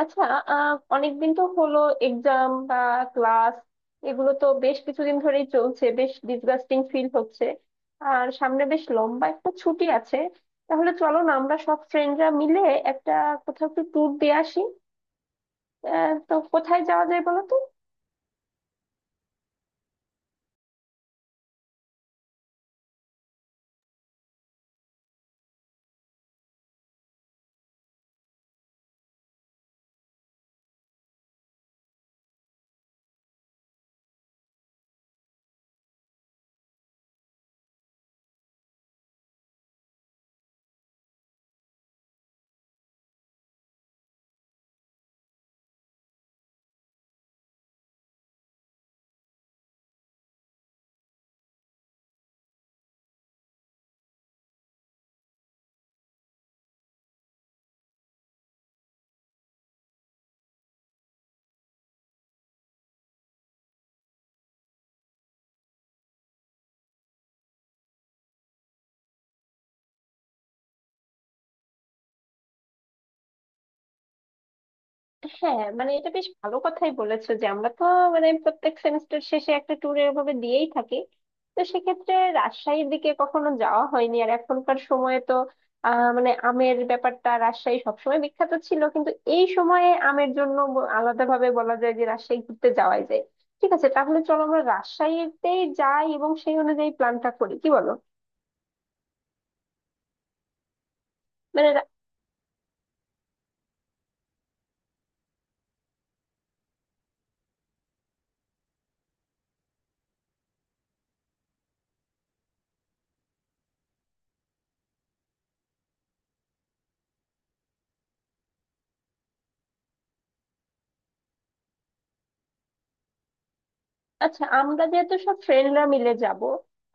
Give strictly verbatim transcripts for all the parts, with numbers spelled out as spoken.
আচ্ছা। আহ অনেকদিন তো হলো। এক্সাম বা ক্লাস এগুলো তো বেশ কিছুদিন ধরেই চলছে, বেশ ডিসগাস্টিং ফিল হচ্ছে। আর সামনে বেশ লম্বা একটা ছুটি আছে। তাহলে চলো না, আমরা সব ফ্রেন্ডরা মিলে একটা কোথাও একটু ট্যুর দিয়ে আসি। আহ, তো কোথায় যাওয়া যায় বলো তো। হ্যাঁ, মানে এটা বেশ ভালো কথাই বলেছো যে আমরা তো মানে প্রত্যেক সেমিস্টার শেষে একটা ট্যুর এভাবে দিয়েই থাকি। তো সেক্ষেত্রে রাজশাহীর দিকে কখনো যাওয়া হয়নি, আর এখনকার সময়ে তো আহ মানে আমের ব্যাপারটা রাজশাহী সবসময় বিখ্যাত ছিল, কিন্তু এই সময়ে আমের জন্য ব- আলাদাভাবে বলা যায় যে রাজশাহী ঘুরতে যাওয়াই যায়। ঠিক আছে, তাহলে চলো আমরা রাজশাহীতেই যাই এবং সেই অনুযায়ী প্ল্যানটা করি, কি বলো। মানে আচ্ছা, আমরা যেহেতু সব ফ্রেন্ডরা মিলে যাব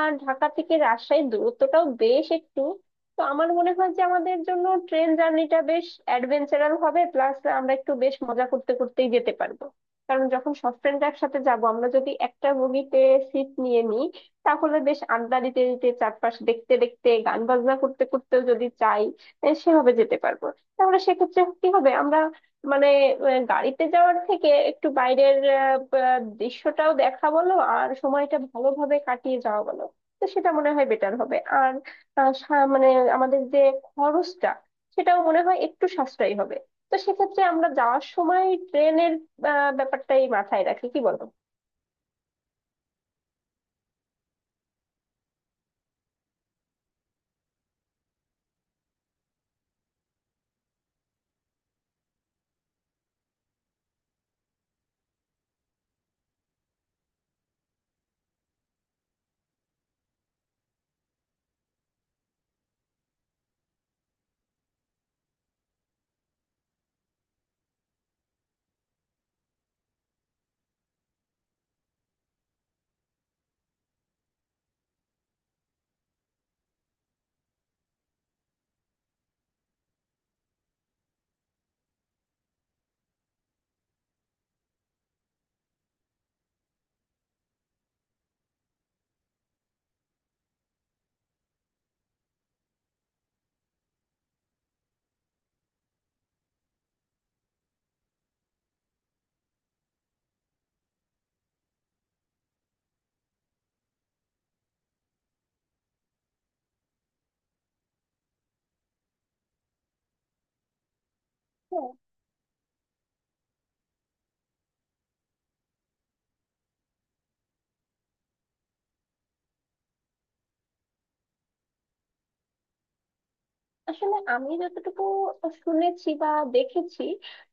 আর ঢাকা থেকে রাজশাহীর দূরত্বটাও বেশ একটু, তো আমার মনে হয় যে আমাদের জন্য ট্রেন জার্নিটা বেশ অ্যাডভেঞ্চারাল হবে, প্লাস আমরা একটু বেশ মজা করতে করতেই যেতে পারবো। কারণ যখন সব ফ্রেন্ডরা একসাথে যাব, আমরা যদি একটা বগিতে সিট নিয়ে নিই, তাহলে বেশ আড্ডা দিতে দিতে চারপাশ দেখতে দেখতে গান বাজনা করতে করতেও যদি চাই, এ, সেভাবে যেতে পারবো। তাহলে সেক্ষেত্রে কি হবে আমরা মানে আহ, গাড়িতে যাওয়ার থেকে একটু বাইরের আহ, আহ, দৃশ্যটাও দেখা বলো আর সময়টা ভালোভাবে কাটিয়ে যাওয়া বলো। তো সেটা মনে হয় বেটার হবে। আর আহ, সা- মানে আমাদের যে খরচটা, সেটাও মনে হয় একটু সাশ্রয়ী হবে। তো সেক্ষেত্রে আমরা যাওয়ার সময় ট্রেনের আহ, ব্যাপারটাই মাথায় রাখি, কি বলো। আসলে আমি যতটুকু শুনেছি বা দেখেছি,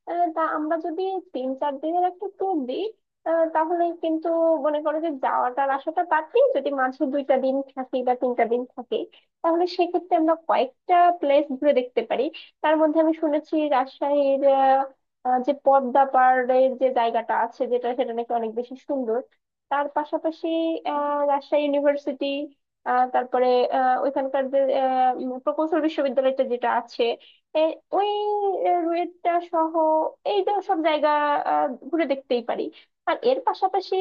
আহ, তা আমরা যদি তিন চার দিনের একটা ট্যুর দিই, আহ, তাহলে কিন্তু মনে করো যে যাওয়াটার আশাটা বাদ দিয়ে যদি মাঝে দুইটা দিন থাকি বা তিনটা দিন থাকি, তাহলে সেক্ষেত্রে আমরা কয়েকটা প্লেস ঘুরে দেখতে পারি। তার মধ্যে আমি শুনেছি রাজশাহীর আহ, আহ, যে পদ্মা পাড়ের যে জায়গাটা আছে যেটা, সেটা নাকি অনেক বেশি সুন্দর। তার পাশাপাশি আহ রাজশাহী ইউনিভার্সিটি, আহ তারপরে আহ, ওইখানকার যে আহ, উম, প্রকৌশল বিশ্ববিদ্যালয়টা যেটা আছে, এ, ওই আহ, রুয়েটটা সহ এই যে সব জায়গা, আহ, ঘুরে দেখতেই পারি। আর এর পাশাপাশি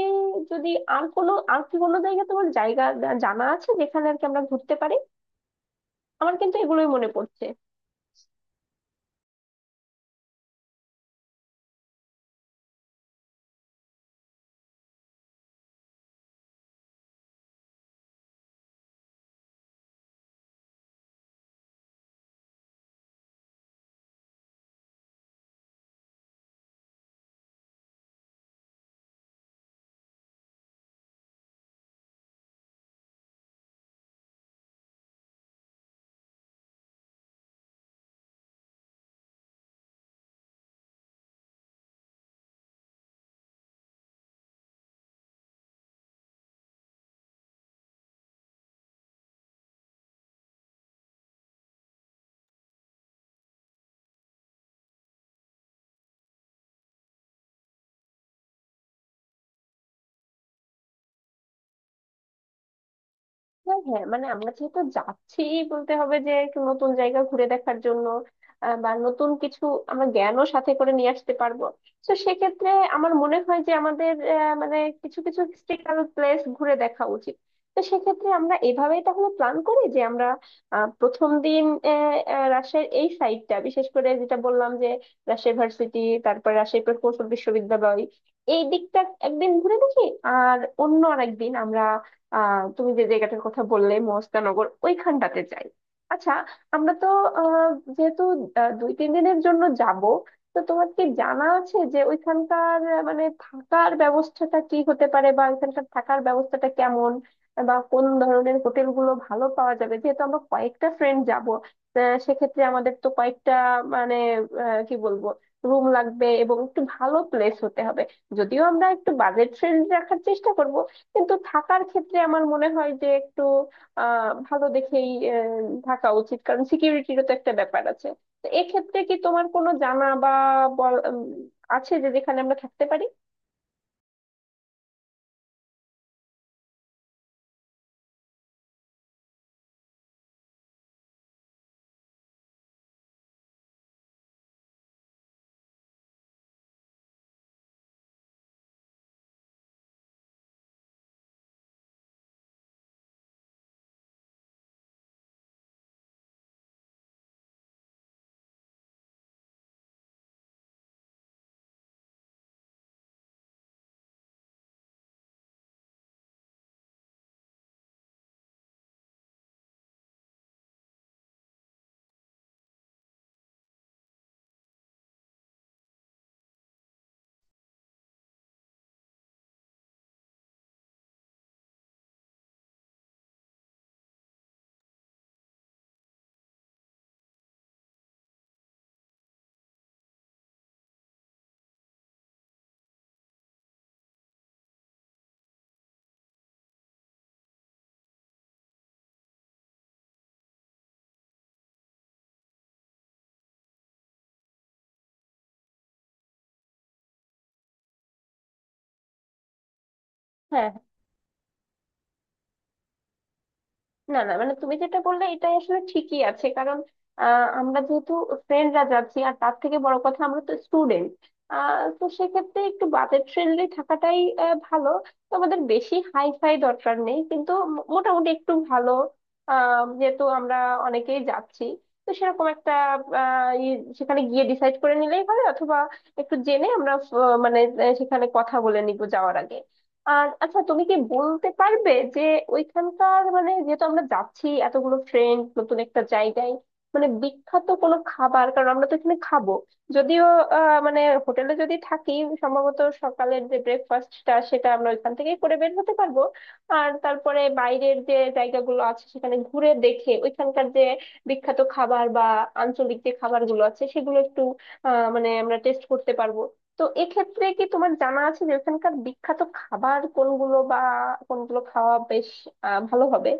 যদি আর কোনো আর কি কোনো জায়গা তোমার জায়গা জানা আছে যেখানে আর কি আমরা ঘুরতে পারি। আমার কিন্তু এগুলোই মনে পড়ছে। হ্যাঁ হ্যাঁ, মানে আমরা যেহেতু যাচ্ছি, বলতে হবে যে একটু নতুন জায়গা ঘুরে দেখার জন্য আহ, বা নতুন কিছু আমরা জ্ঞানও সাথে করে নিয়ে আসতে পারবো। তো সেক্ষেত্রে আমার মনে হয় যে আমাদের আহ, মানে কিছু কিছু হিস্টোরিক্যাল প্লেস ঘুরে দেখা উচিত। তো সেক্ষেত্রে আমরা এভাবেই তাহলে প্ল্যান করি যে আমরা আহ, প্রথম দিন আহ, আহ, রাজশাহীর এই সাইডটা, বিশেষ করে যেটা বললাম যে রাজশাহী ভার্সিটি, তারপর রাজশাহী প্রকৌশল বিশ্ববিদ্যালয়, এই দিকটা একদিন ঘুরে দেখি। আর অন্য আরেকদিন আমরা, আহ তুমি যে জায়গাটার কথা বললে মহস্তানগর, ওইখানটাতে যাই। আচ্ছা, আমরা তো আহ যেহেতু আহ, দুই তিন দিনের জন্য যাব, তো তোমার কি জানা আছে যে ওইখানকার আহ, মানে থাকার ব্যবস্থাটা কি হতে পারে, বা ওইখানকার থাকার ব্যবস্থাটা কেমন, বা কোন ধরনের হোটেল গুলো ভালো পাওয়া যাবে? যেহেতু আমরা কয়েকটা ফ্রেন্ড যাব, সেক্ষেত্রে আমাদের তো কয়েকটা মানে আহ, কি বলবো, রুম লাগবে এবং একটু ভালো প্লেস হতে হবে। যদিও আমরা একটু বাজেট ফ্রেন্ডলি রাখার চেষ্টা করব, কিন্তু থাকার ক্ষেত্রে আমার মনে হয় যে একটু আহ ভালো দেখেই আহ, থাকা উচিত, কারণ সিকিউরিটিরও তো একটা ব্যাপার আছে। তো এক্ষেত্রে কি তোমার কোনো জানা বা বল- উম, আছে যে যেখানে আমরা থাকতে পারি। হ্যাঁ, না না, মানে তুমি যেটা বললে এটাই আসলে ঠিকই আছে, কারণ আহ, আমরা যেহেতু ফ্রেন্ডরা যাচ্ছি, আর তার থেকে বড় কথা আমরা তো স্টুডেন্ট। তো সেক্ষেত্রে একটু বাজেট ফ্রেন্ডলি থাকাটাই আহ, ভালো। তো আমাদের বেশি হাই ফাই দরকার নেই, কিন্তু মো- মোটামুটি একটু ভালো। আহ, যেহেতু আমরা অনেকেই যাচ্ছি, তো সেরকম একটা আহ, ই- সেখানে গিয়ে ডিসাইড করে নিলেই হবে। অথবা একটু জেনে আমরা, আহ, মানে আহ, সেখানে কথা বলে নিবো যাওয়ার আগে। আর আচ্ছা, তুমি কি বলতে পারবে যে ওইখানকার মানে যেহেতু আমরা যাচ্ছি এতগুলো ফ্রেন্ড নতুন একটা জায়গায়, মানে বিখ্যাত কোনো খাবার, কারণ আমরা তো এখানে খাবো। যদিও আহ, মানে হোটেলে যদি থাকি, সম্ভবত সকালের যে ব্রেকফাস্টটা সেটা আমরা ওইখান থেকেই করে বের হতে পারবো। আর তারপরে বাইরের যে জায়গাগুলো আছে সেখানে ঘুরে দেখে ওইখানকার যে বিখ্যাত খাবার বা আঞ্চলিক যে খাবারগুলো আছে সেগুলো একটু আহ মানে আমরা টেস্ট করতে পারবো। তো এক্ষেত্রে কি তোমার জানা আছে যে ওখানকার বিখ্যাত খাবার কোনগুলো, বা কোনগুলো খাওয়া বেশ আহ, ভালো হবে?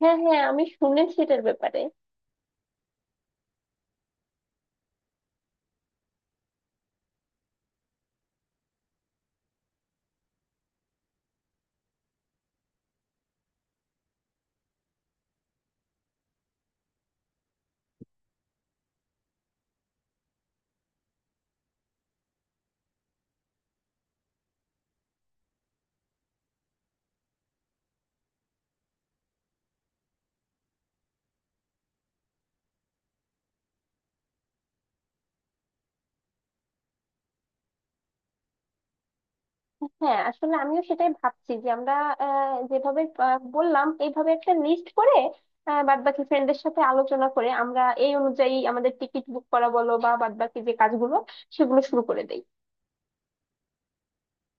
হ্যাঁ হ্যাঁ, আমি শুনেছি এটার ব্যাপারে। হ্যাঁ, আসলে আমিও সেটাই ভাবছি যে আমরা আহ, যেভাবে আহ, বললাম এইভাবে একটা লিস্ট করে বাদ বাকি ফ্রেন্ডদের সাথে আলোচনা করে আমরা এই অনুযায়ী আমাদের টিকিট বুক করা বলো বা বাদ বাকি যে কাজগুলো সেগুলো শুরু করে দেই।